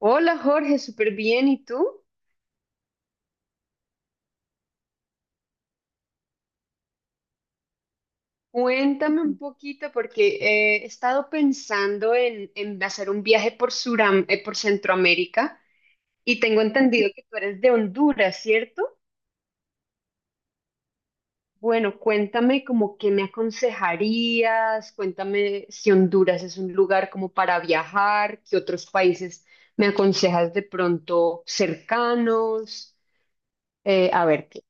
Hola Jorge, súper bien. ¿Y tú? Cuéntame un poquito porque he estado pensando en hacer un viaje por por Centroamérica y tengo entendido que tú eres de Honduras, ¿cierto? Bueno, cuéntame como qué me aconsejarías, cuéntame si Honduras es un lugar como para viajar, qué otros países me aconsejas de pronto cercanos. A ver, ¿qué?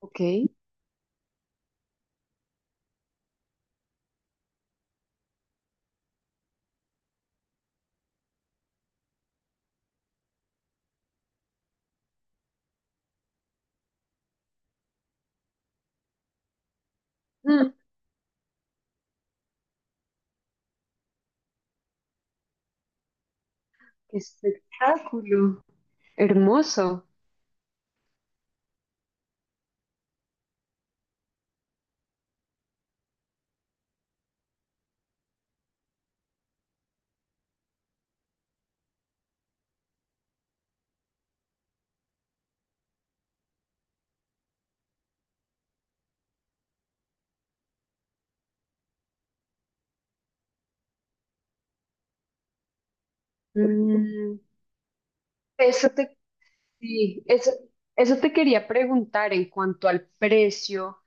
Ok, ok. Mm, qué espectáculo. Hermoso. Mm, eso te, sí, eso te quería preguntar en cuanto al precio,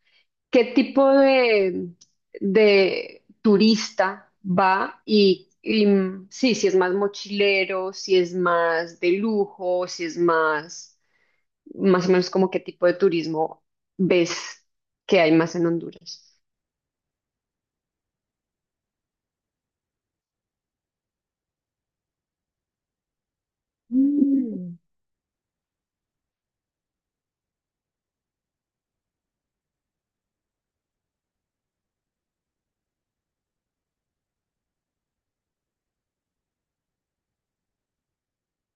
¿qué tipo de turista va? Sí, si es más mochilero, si es más de lujo, si es más o menos como qué tipo de turismo ves que hay más en Honduras. Mm.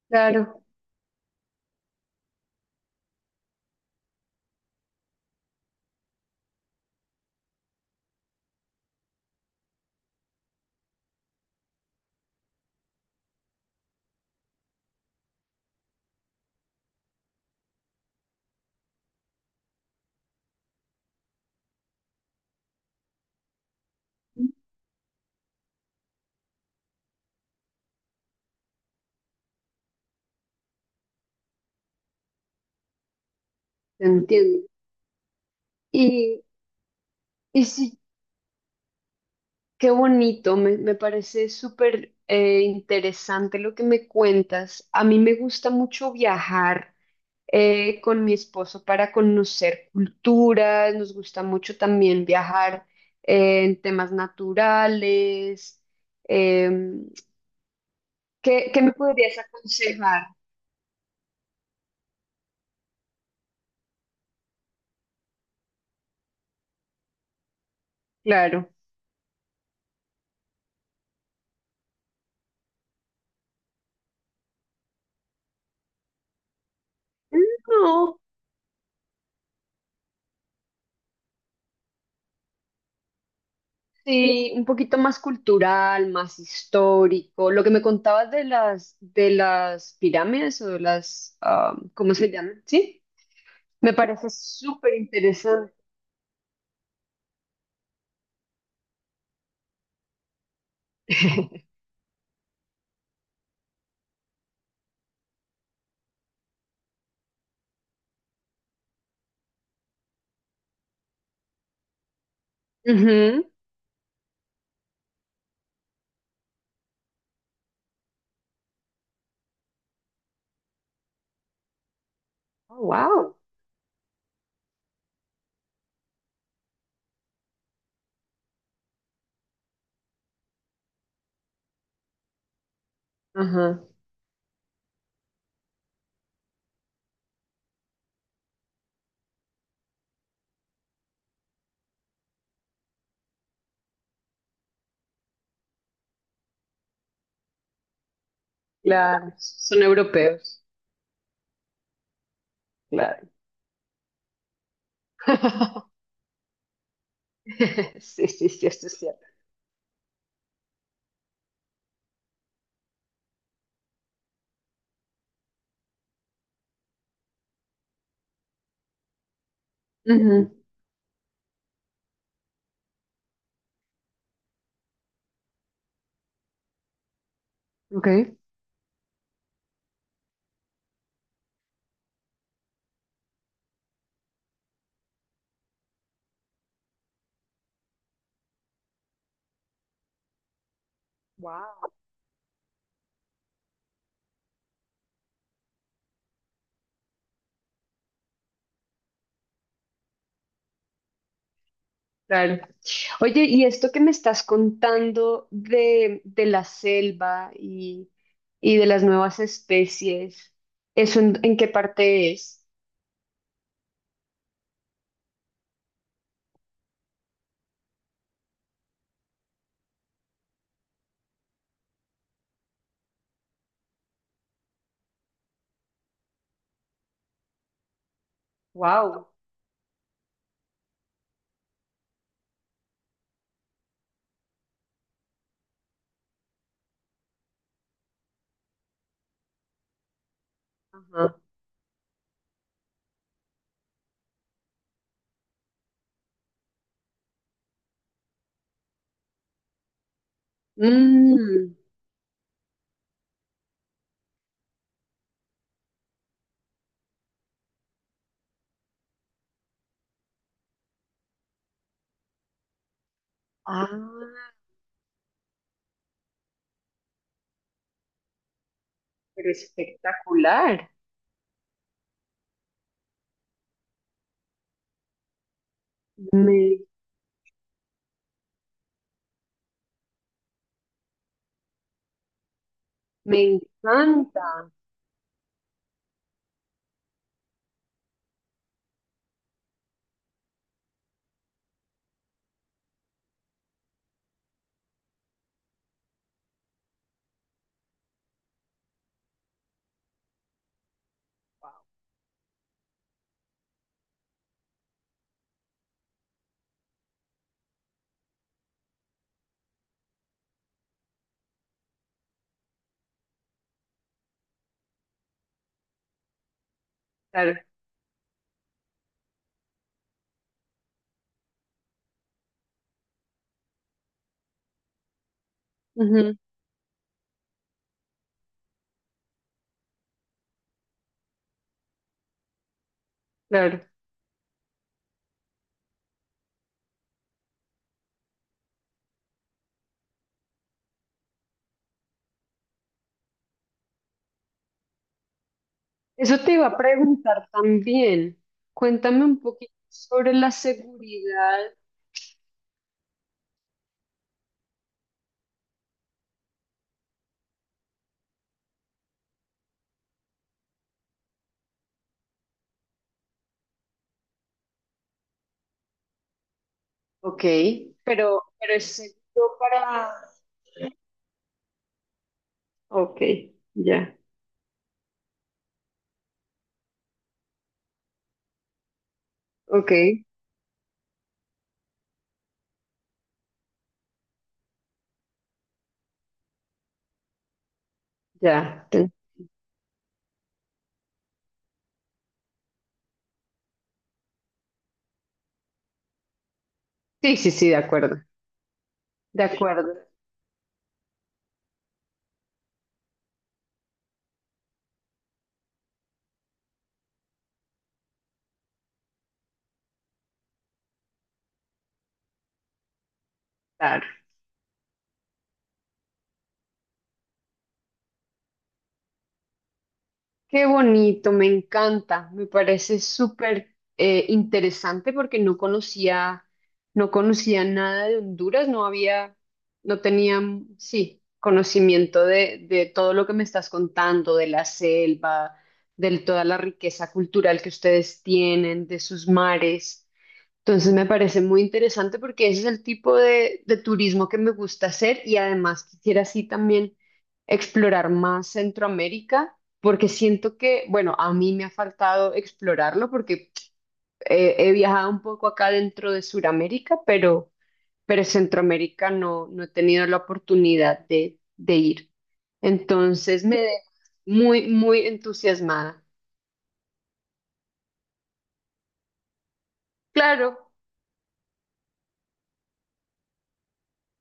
Claro, te entiendo. Y, y si qué bonito, me parece súper interesante lo que me cuentas. A mí me gusta mucho viajar con mi esposo para conocer culturas, nos gusta mucho también viajar en temas naturales. Em, qué me podrías aconsejar? Claro. No, sí, un poquito más cultural, más histórico. Lo que me contabas de las pirámides o de las, ah, ¿cómo se llaman? Sí, me parece súper interesante. Ujú. Oh, wow. Ajá, claro, son europeos. Claro. Sí, sí, sí, esto es cierto. Ujú, ok. Wow. Claro. Oye, y esto que me estás contando de la selva y de las nuevas especies, ¿eso en qué parte es? Wow. Ajá. Mm. Ah, pero espectacular. Me, me encanta. Claro. Ujú, claro. Eso te iba a preguntar también. Cuéntame un poquito sobre la seguridad. Ok. Pero es seguro para ok, ya, ok, ya. Sí, sí, sí, de acuerdo. De acuerdo. Claro. Qué bonito, me encanta. Me parece súper interesante porque no no conocía nada de Honduras, no había, no tenía, sí, conocimiento de todo lo que me estás contando, de la selva, de toda la riqueza cultural que ustedes tienen, de sus mares. Entonces me parece muy interesante porque ese es el tipo de turismo que me gusta hacer y además quisiera así también explorar más Centroamérica porque siento que, bueno, a mí me ha faltado explorarlo porque he viajado un poco acá dentro de Sudamérica, pero Centroamérica no, no he tenido la oportunidad de ir. Entonces me deja muy, muy entusiasmada. Claro,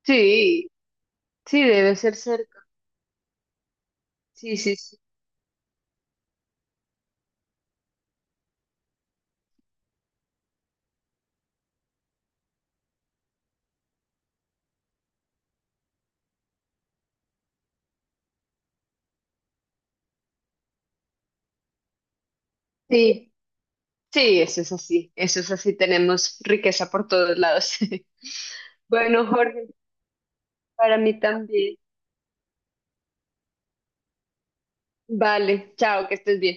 sí, sí, debe ser cerca. Sí, sí, sí. Sí. Sí, eso es así, tenemos riqueza por todos lados. Bueno, Jorge, para mí también. Vale, chao, que estés bien.